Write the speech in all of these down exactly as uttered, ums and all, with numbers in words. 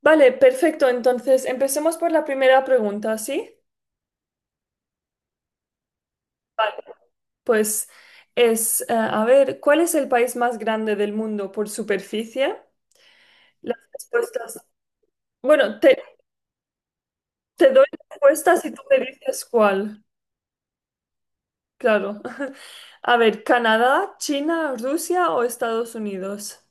Vale, perfecto. Entonces, empecemos por la primera pregunta, ¿sí? Vale. Pues es, eh, a ver, ¿cuál es el país más grande del mundo por superficie? Las respuestas. Bueno, te, te doy respuestas y tú me dices cuál. Claro. A ver, ¿Canadá, China, Rusia o Estados Unidos?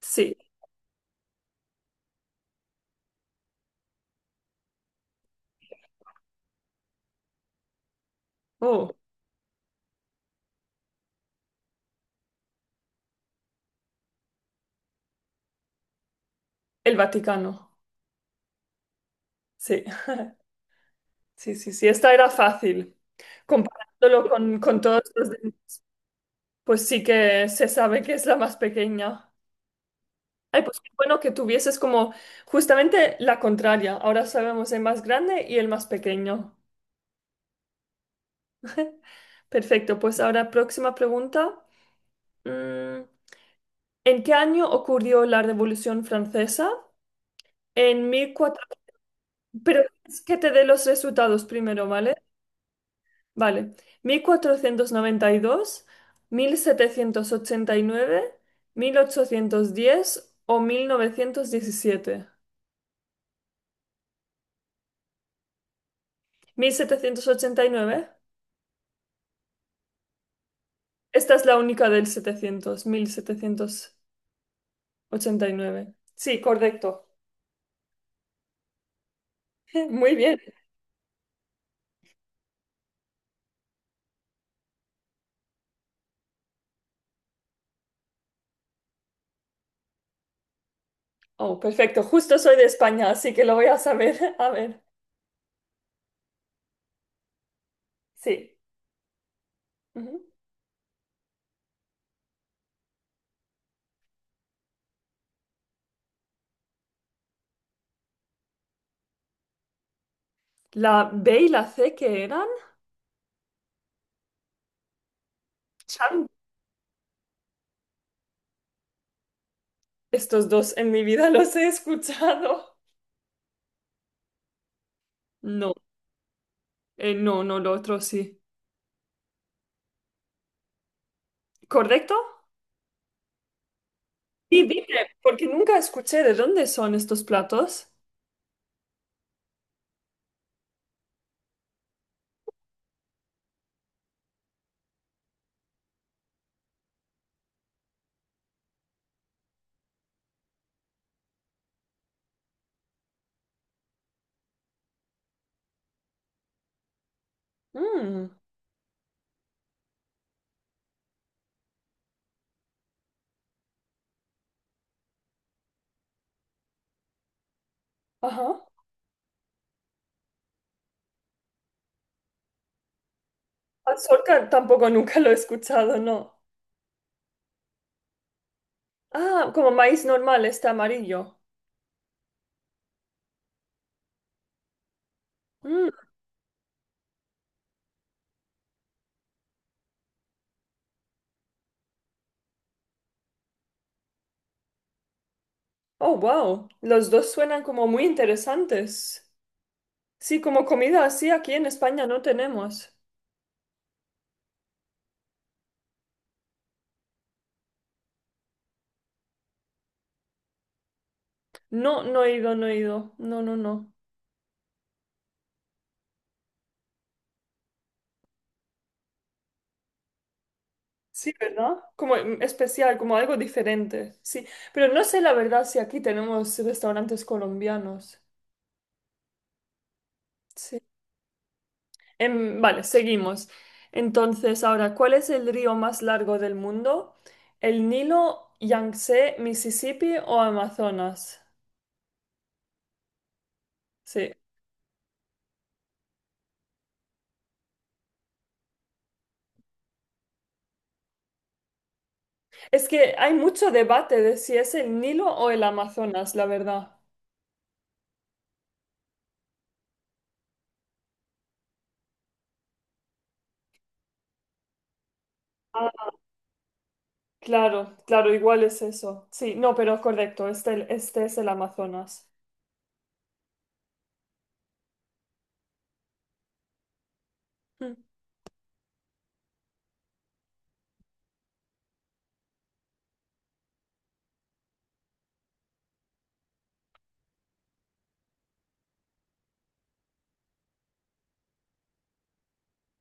Sí. Oh, el Vaticano. Sí. Sí, sí, sí. Esta era fácil. Comparándolo con, con todos los... de- Pues sí que se sabe que es la más pequeña. Ay, pues qué bueno que tuvieses como justamente la contraria. Ahora sabemos el más grande y el más pequeño. Perfecto, pues ahora próxima pregunta. Mm, ¿En qué año ocurrió la Revolución Francesa? En mil cuatrocientos... Pero es que te dé los resultados primero, ¿vale? Vale. Mil mil cuatrocientos noventa y y dos, mil setecientos ochenta y nueve, mil ochocientos diez o mil Mil novecientos diecisiete. Mil setecientos ochenta y nueve. Esta es la única del setecientos setecientos mil setecientos ochenta y nueve. Sí, correcto. Muy bien. Oh, perfecto. Justo soy de España, así que lo voy a saber. A ver, sí. Ujú. La B y la C, ¿qué eran? Chan. Estos dos en mi vida los he escuchado. No, eh, no, no, lo otro sí. ¿Correcto? Sí, dime, porque nunca escuché de dónde son estos platos. Mm, ajá. Al solca tampoco nunca lo he escuchado, no. Ah, como maíz normal, este amarillo. Mm. Oh, wow. Los dos suenan como muy interesantes. Sí, como comida así aquí en España no tenemos. No, no he ido, no he ido. No, no, no. Sí, ¿verdad? Como mm, especial, como algo diferente. Sí, pero no sé la verdad si aquí tenemos restaurantes colombianos. Sí. Em, vale, seguimos. Entonces, ahora, ¿cuál es el río más largo del mundo? ¿El Nilo, Yangtze, Mississippi o Amazonas? Sí. Es que hay mucho debate de si es el Nilo o el Amazonas, la verdad. Ah, claro, claro, igual es eso. Sí, no, pero correcto, este, este es el Amazonas. Mm.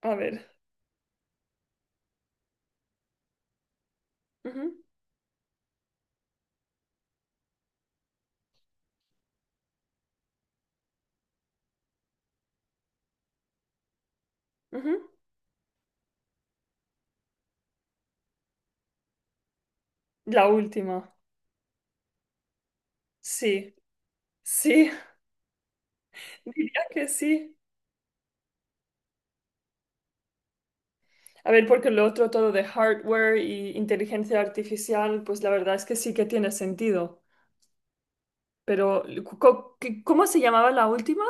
A ver. Ujú, ujú. La última. Sí, sí, diría que sí. A ver, porque lo otro todo de hardware y inteligencia artificial, pues la verdad es que sí que tiene sentido. Pero, co- qué- ¿cómo se llamaba la última?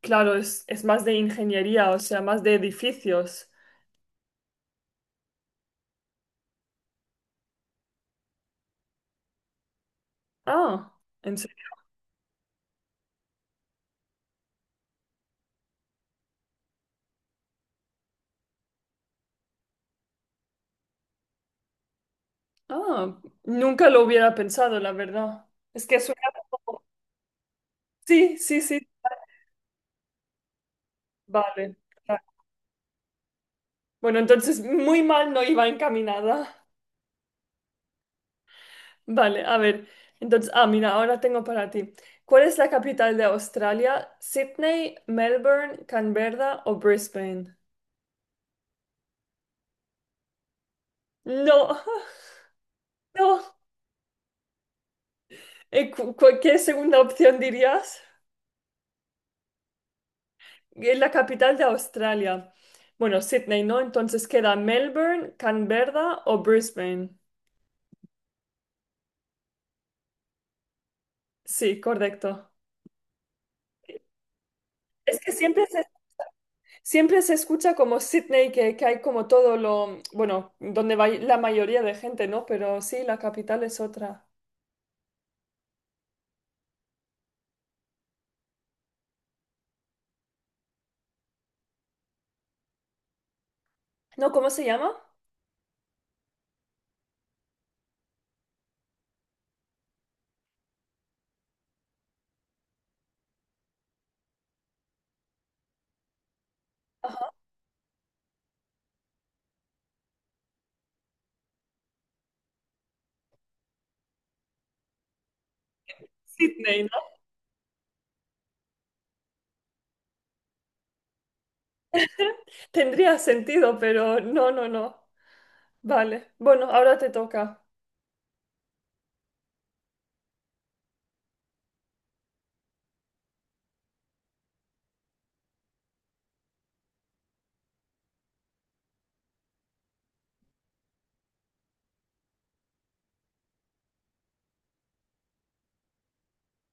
Claro, es, es más de ingeniería, o sea, más de edificios. Ah, ¿en serio? Ah, nunca lo hubiera pensado, la verdad. Es que suena como... Sí, sí, sí. Vale. Claro. Bueno, entonces muy mal no iba encaminada. Vale, a ver. Entonces, ah, mira, ahora tengo para ti. ¿Cuál es la capital de Australia? ¿Sydney, Melbourne, Canberra o Brisbane? No, no. Eh, cu- cu- ¿Qué segunda opción dirías? Es la capital de Australia. Bueno, Sydney, ¿no? Entonces queda Melbourne, Canberra o Brisbane. Sí, correcto. Es que siempre se, siempre se escucha como Sydney, que, que hay como todo lo, bueno, donde va la mayoría de gente, ¿no? Pero sí, la capital es otra. No, ¿cómo se llama? Sydney, ¿no? Tendría sentido, pero no, no, no. Vale. Bueno, ahora te toca.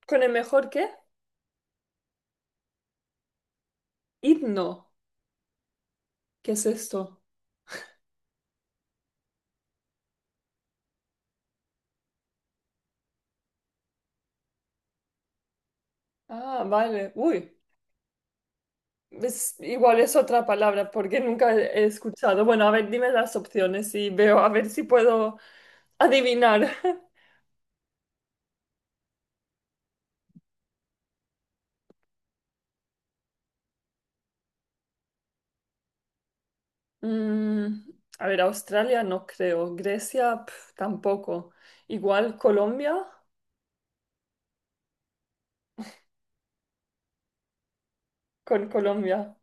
¿Con el mejor qué? Himno. ¿Qué es esto? Ah, vale. Uy. Es, igual es otra palabra porque nunca he escuchado. Bueno, a ver, dime las opciones y veo a ver si puedo adivinar. Mm, a ver, Australia no creo. Grecia pf, tampoco. Igual Colombia con Colombia.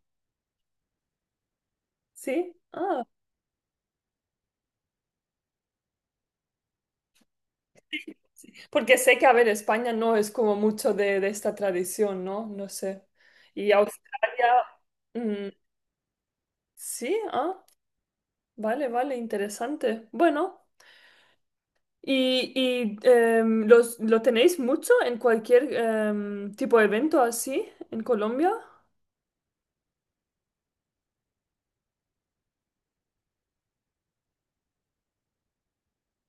¿Sí? Ah, sí, sí. Porque sé que, a ver, España no es como mucho de, de esta tradición, ¿no? No sé. Y Australia, mm, sí, ah, vale, vale, interesante. Bueno. ¿Y, y, em, los, lo tenéis mucho en cualquier em, tipo de evento así en Colombia?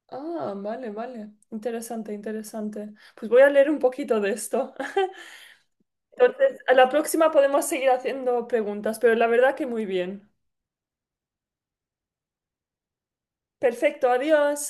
Ah, vale, vale. Interesante, interesante. Pues voy a leer un poquito de esto. Entonces, a la próxima podemos seguir haciendo preguntas, pero la verdad que muy bien. Perfecto, adiós.